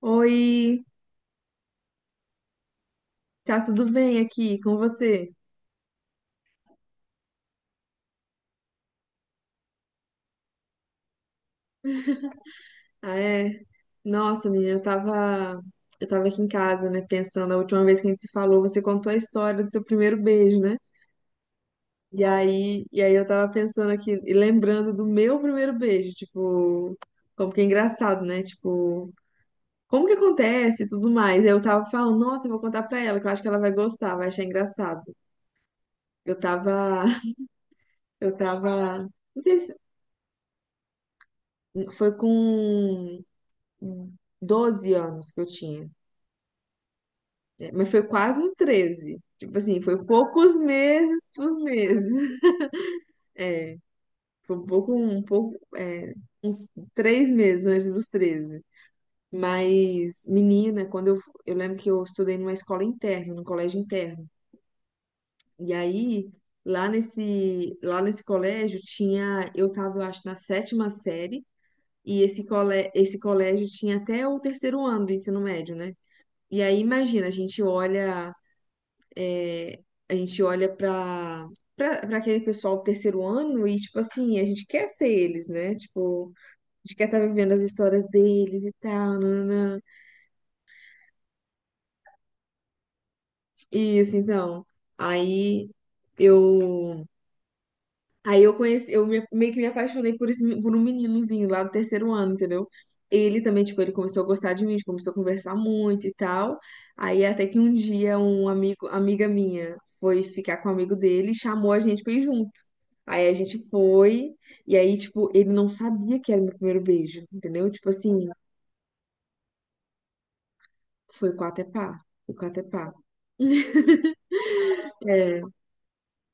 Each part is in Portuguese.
Oi, tá tudo bem aqui com você? Ah, é? Nossa, menina, eu tava aqui em casa, né, pensando, a última vez que a gente se falou, você contou a história do seu primeiro beijo, né? E aí eu tava pensando aqui e lembrando do meu primeiro beijo, tipo, como que é engraçado, né? Tipo, como que acontece e tudo mais. Eu tava falando, nossa, eu vou contar pra ela, que eu acho que ela vai gostar, vai achar engraçado. Eu tava, eu tava, não sei se foi com 12 anos que eu tinha. É, mas foi quase no 13, tipo assim, foi poucos meses por mês. É, foi um pouco, uns 3 meses antes dos 13. Mas, menina, eu lembro que eu estudei numa escola interna, num colégio interno. E aí, lá nesse colégio tinha, eu tava, eu acho, na sétima série. E esse colégio tinha até o terceiro ano do ensino médio, né? E aí, imagina, a gente olha pra aquele pessoal do terceiro ano e, tipo assim, a gente quer ser eles, né? Tipo, a gente quer estar vivendo as histórias deles e tal, nananã. Isso, então. Aí eu. Aí eu conheci, eu meio que me apaixonei por um meninozinho lá do terceiro ano, entendeu? Ele também, tipo, ele começou a gostar de mim, a gente começou a conversar muito e tal. Aí até que um dia amiga minha foi ficar com um amigo dele e chamou a gente pra ir junto. Aí a gente foi, e aí, tipo, ele não sabia que era meu primeiro beijo, entendeu? Tipo assim, foi com até pá, foi com até pá. É,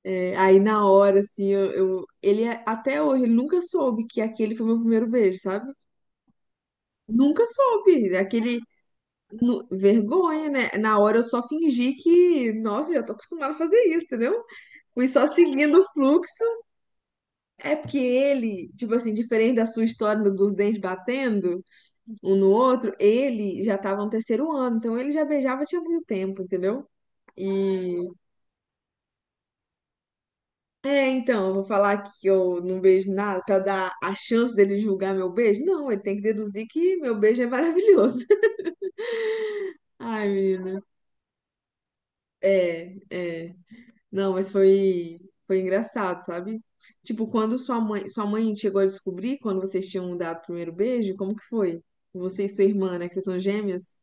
é, aí na hora, assim, até hoje, ele nunca soube que aquele foi meu primeiro beijo, sabe? Nunca soube, vergonha, né? Na hora eu só fingi que, nossa, já tô acostumada a fazer isso, entendeu? Fui só seguindo o fluxo. É porque ele, tipo assim, diferente da sua história dos dentes batendo, um no outro, ele já estava no terceiro ano, então ele já beijava tinha muito tempo, entendeu? E é, então, eu vou falar que eu não beijo nada pra dar a chance dele julgar meu beijo? Não, ele tem que deduzir que meu beijo é maravilhoso. Ai, menina. É, é. Não, mas foi engraçado, sabe? Tipo, quando sua mãe chegou a descobrir quando vocês tinham dado o primeiro beijo, como que foi? Você e sua irmã, né, que vocês são gêmeas?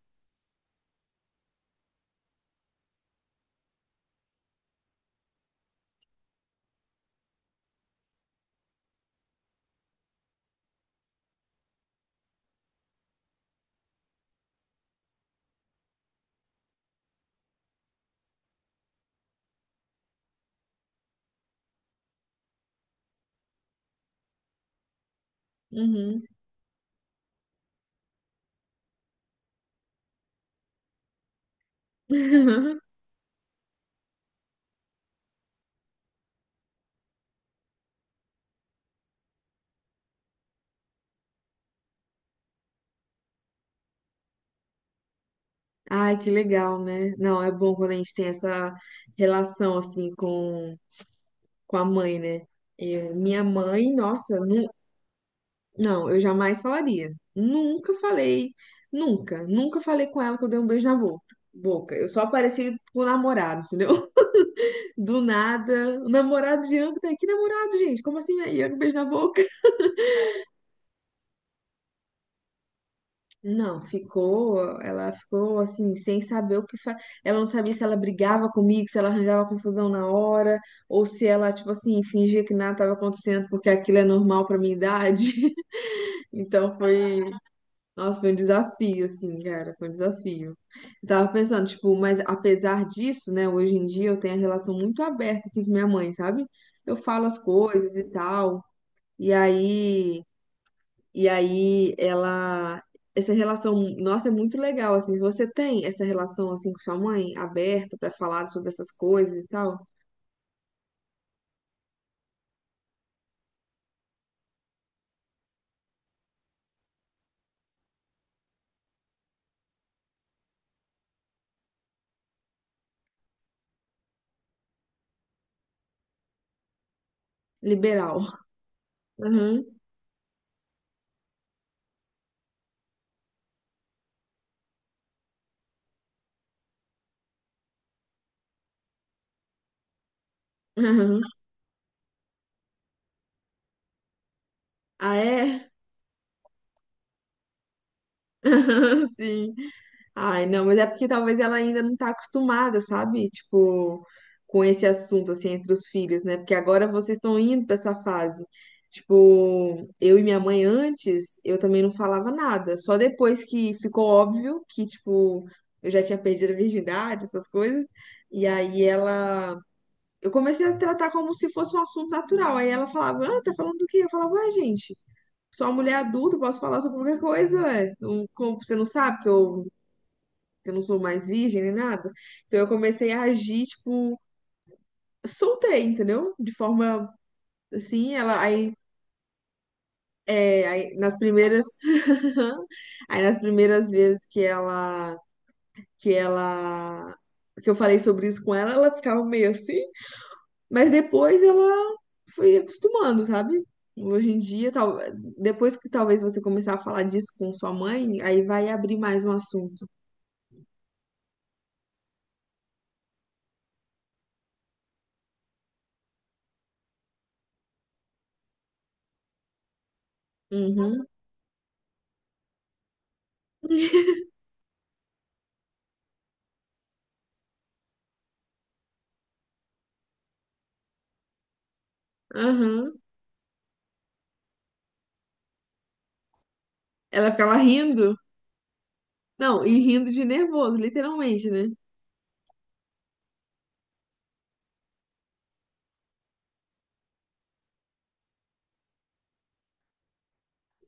Uhum. Ai, que legal, né? Não, é bom quando a gente tem essa relação assim com a mãe, né? Minha mãe, nossa, não, eu jamais falaria. Nunca falei com ela que eu dei um beijo na boca. Boca, eu só apareci com o namorado, entendeu? Do nada, o namorado de âmbito, que namorado, gente? Como assim aí? Eu dei um beijo na boca? Não, ficou, ela ficou assim, sem saber o que fa... Ela não sabia se ela brigava comigo, se ela arranjava confusão na hora, ou se ela, tipo assim, fingia que nada estava acontecendo porque aquilo é normal pra minha idade. Então foi, nossa, foi um desafio, assim, cara, foi um desafio. Eu tava pensando, tipo, mas apesar disso, né, hoje em dia eu tenho a relação muito aberta, assim, com minha mãe, sabe? Eu falo as coisas e tal, e aí. E aí ela Essa relação, nossa, é muito legal assim. Se você tem essa relação assim com sua mãe aberta pra falar sobre essas coisas e tal? Liberal. Aham. Aham. Ah, é? Aham, sim. Ai, não, mas é porque talvez ela ainda não tá acostumada, sabe? Tipo, com esse assunto, assim, entre os filhos, né? Porque agora vocês estão indo pra essa fase. Tipo, eu e minha mãe antes, eu também não falava nada. Só depois que ficou óbvio que, tipo, eu já tinha perdido a virgindade, essas coisas. E aí ela. Eu comecei a tratar como se fosse um assunto natural. Aí ela falava, ah, tá falando do quê? Eu falava, ah, gente. Sou uma mulher adulta, posso falar sobre qualquer coisa, ué. Você não sabe que eu não sou mais virgem nem nada. Então eu comecei a agir, tipo, soltei, entendeu? De forma assim, ela aí, é, aí nas primeiras aí nas primeiras vezes que ela que eu falei sobre isso com ela, ela ficava meio assim, mas depois ela foi acostumando, sabe? Hoje em dia, tal, depois que talvez você começar a falar disso com sua mãe, aí vai abrir mais um assunto. Uhum, aham. Ela ficava rindo. Não, e rindo de nervoso, literalmente, né?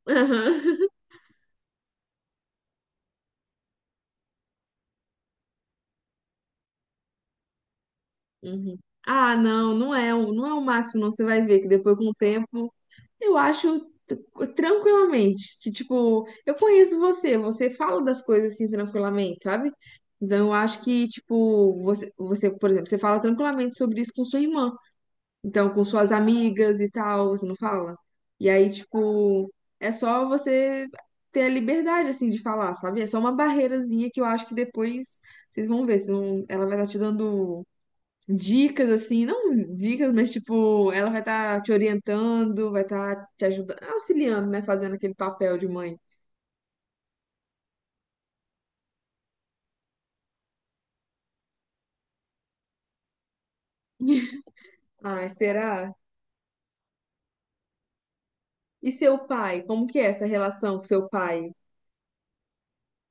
Aham. Uhum. Ah, não, não é o máximo, não. Você vai ver que depois, com o tempo, eu acho t- tranquilamente que, tipo, eu conheço você, você fala das coisas assim tranquilamente, sabe? Então, eu acho que, tipo, você, por exemplo, você fala tranquilamente sobre isso com sua irmã. Então, com suas amigas e tal, você não fala? E aí, tipo, é só você ter a liberdade, assim, de falar, sabe? É só uma barreirazinha que eu acho que depois vocês vão ver. Ela vai estar te dando dicas, assim, não dicas, mas, tipo, ela vai estar te orientando, vai estar te ajudando, auxiliando, né? Fazendo aquele papel de mãe. Ai, será? E seu pai? Como que é essa relação com seu pai?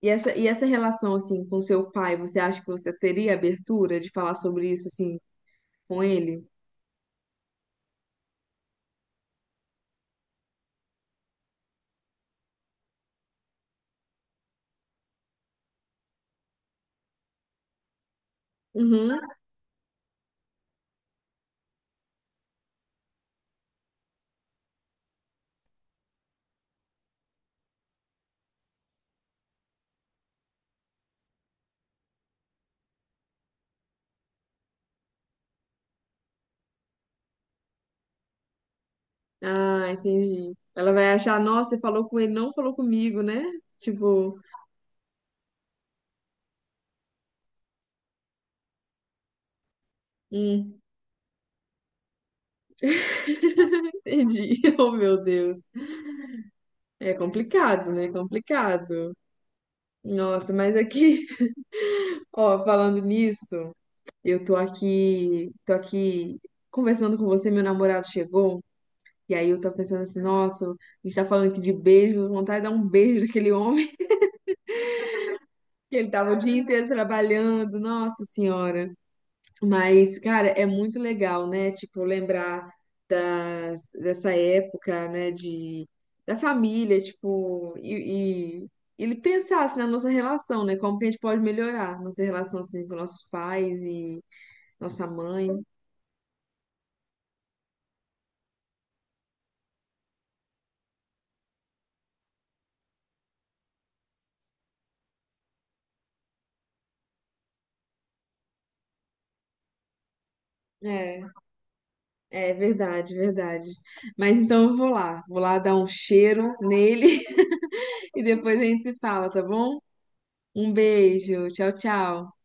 E essa relação, assim, com seu pai, você acha que você teria abertura de falar sobre isso, assim, com ele? Uhum. Ah, entendi. Ela vai achar, nossa, você falou com ele, não falou comigo, né? Tipo, hum, entendi. Oh, meu Deus. É complicado, né? Complicado. Nossa, mas aqui, ó, falando nisso, eu tô aqui, conversando com você, meu namorado chegou, e aí eu tô pensando assim, nossa, a gente tá falando aqui de beijo, vontade de dar um beijo naquele homem. Que ele tava o dia inteiro trabalhando, nossa senhora. Mas, cara, é muito legal, né? Tipo, lembrar dessa época, né? Da família, tipo, e ele pensasse na nossa relação, né? Como que a gente pode melhorar nossa relação assim, com nossos pais e nossa mãe. É, é verdade, verdade. Mas então eu vou lá, dar um cheiro nele e depois a gente se fala, tá bom? Um beijo, tchau, tchau.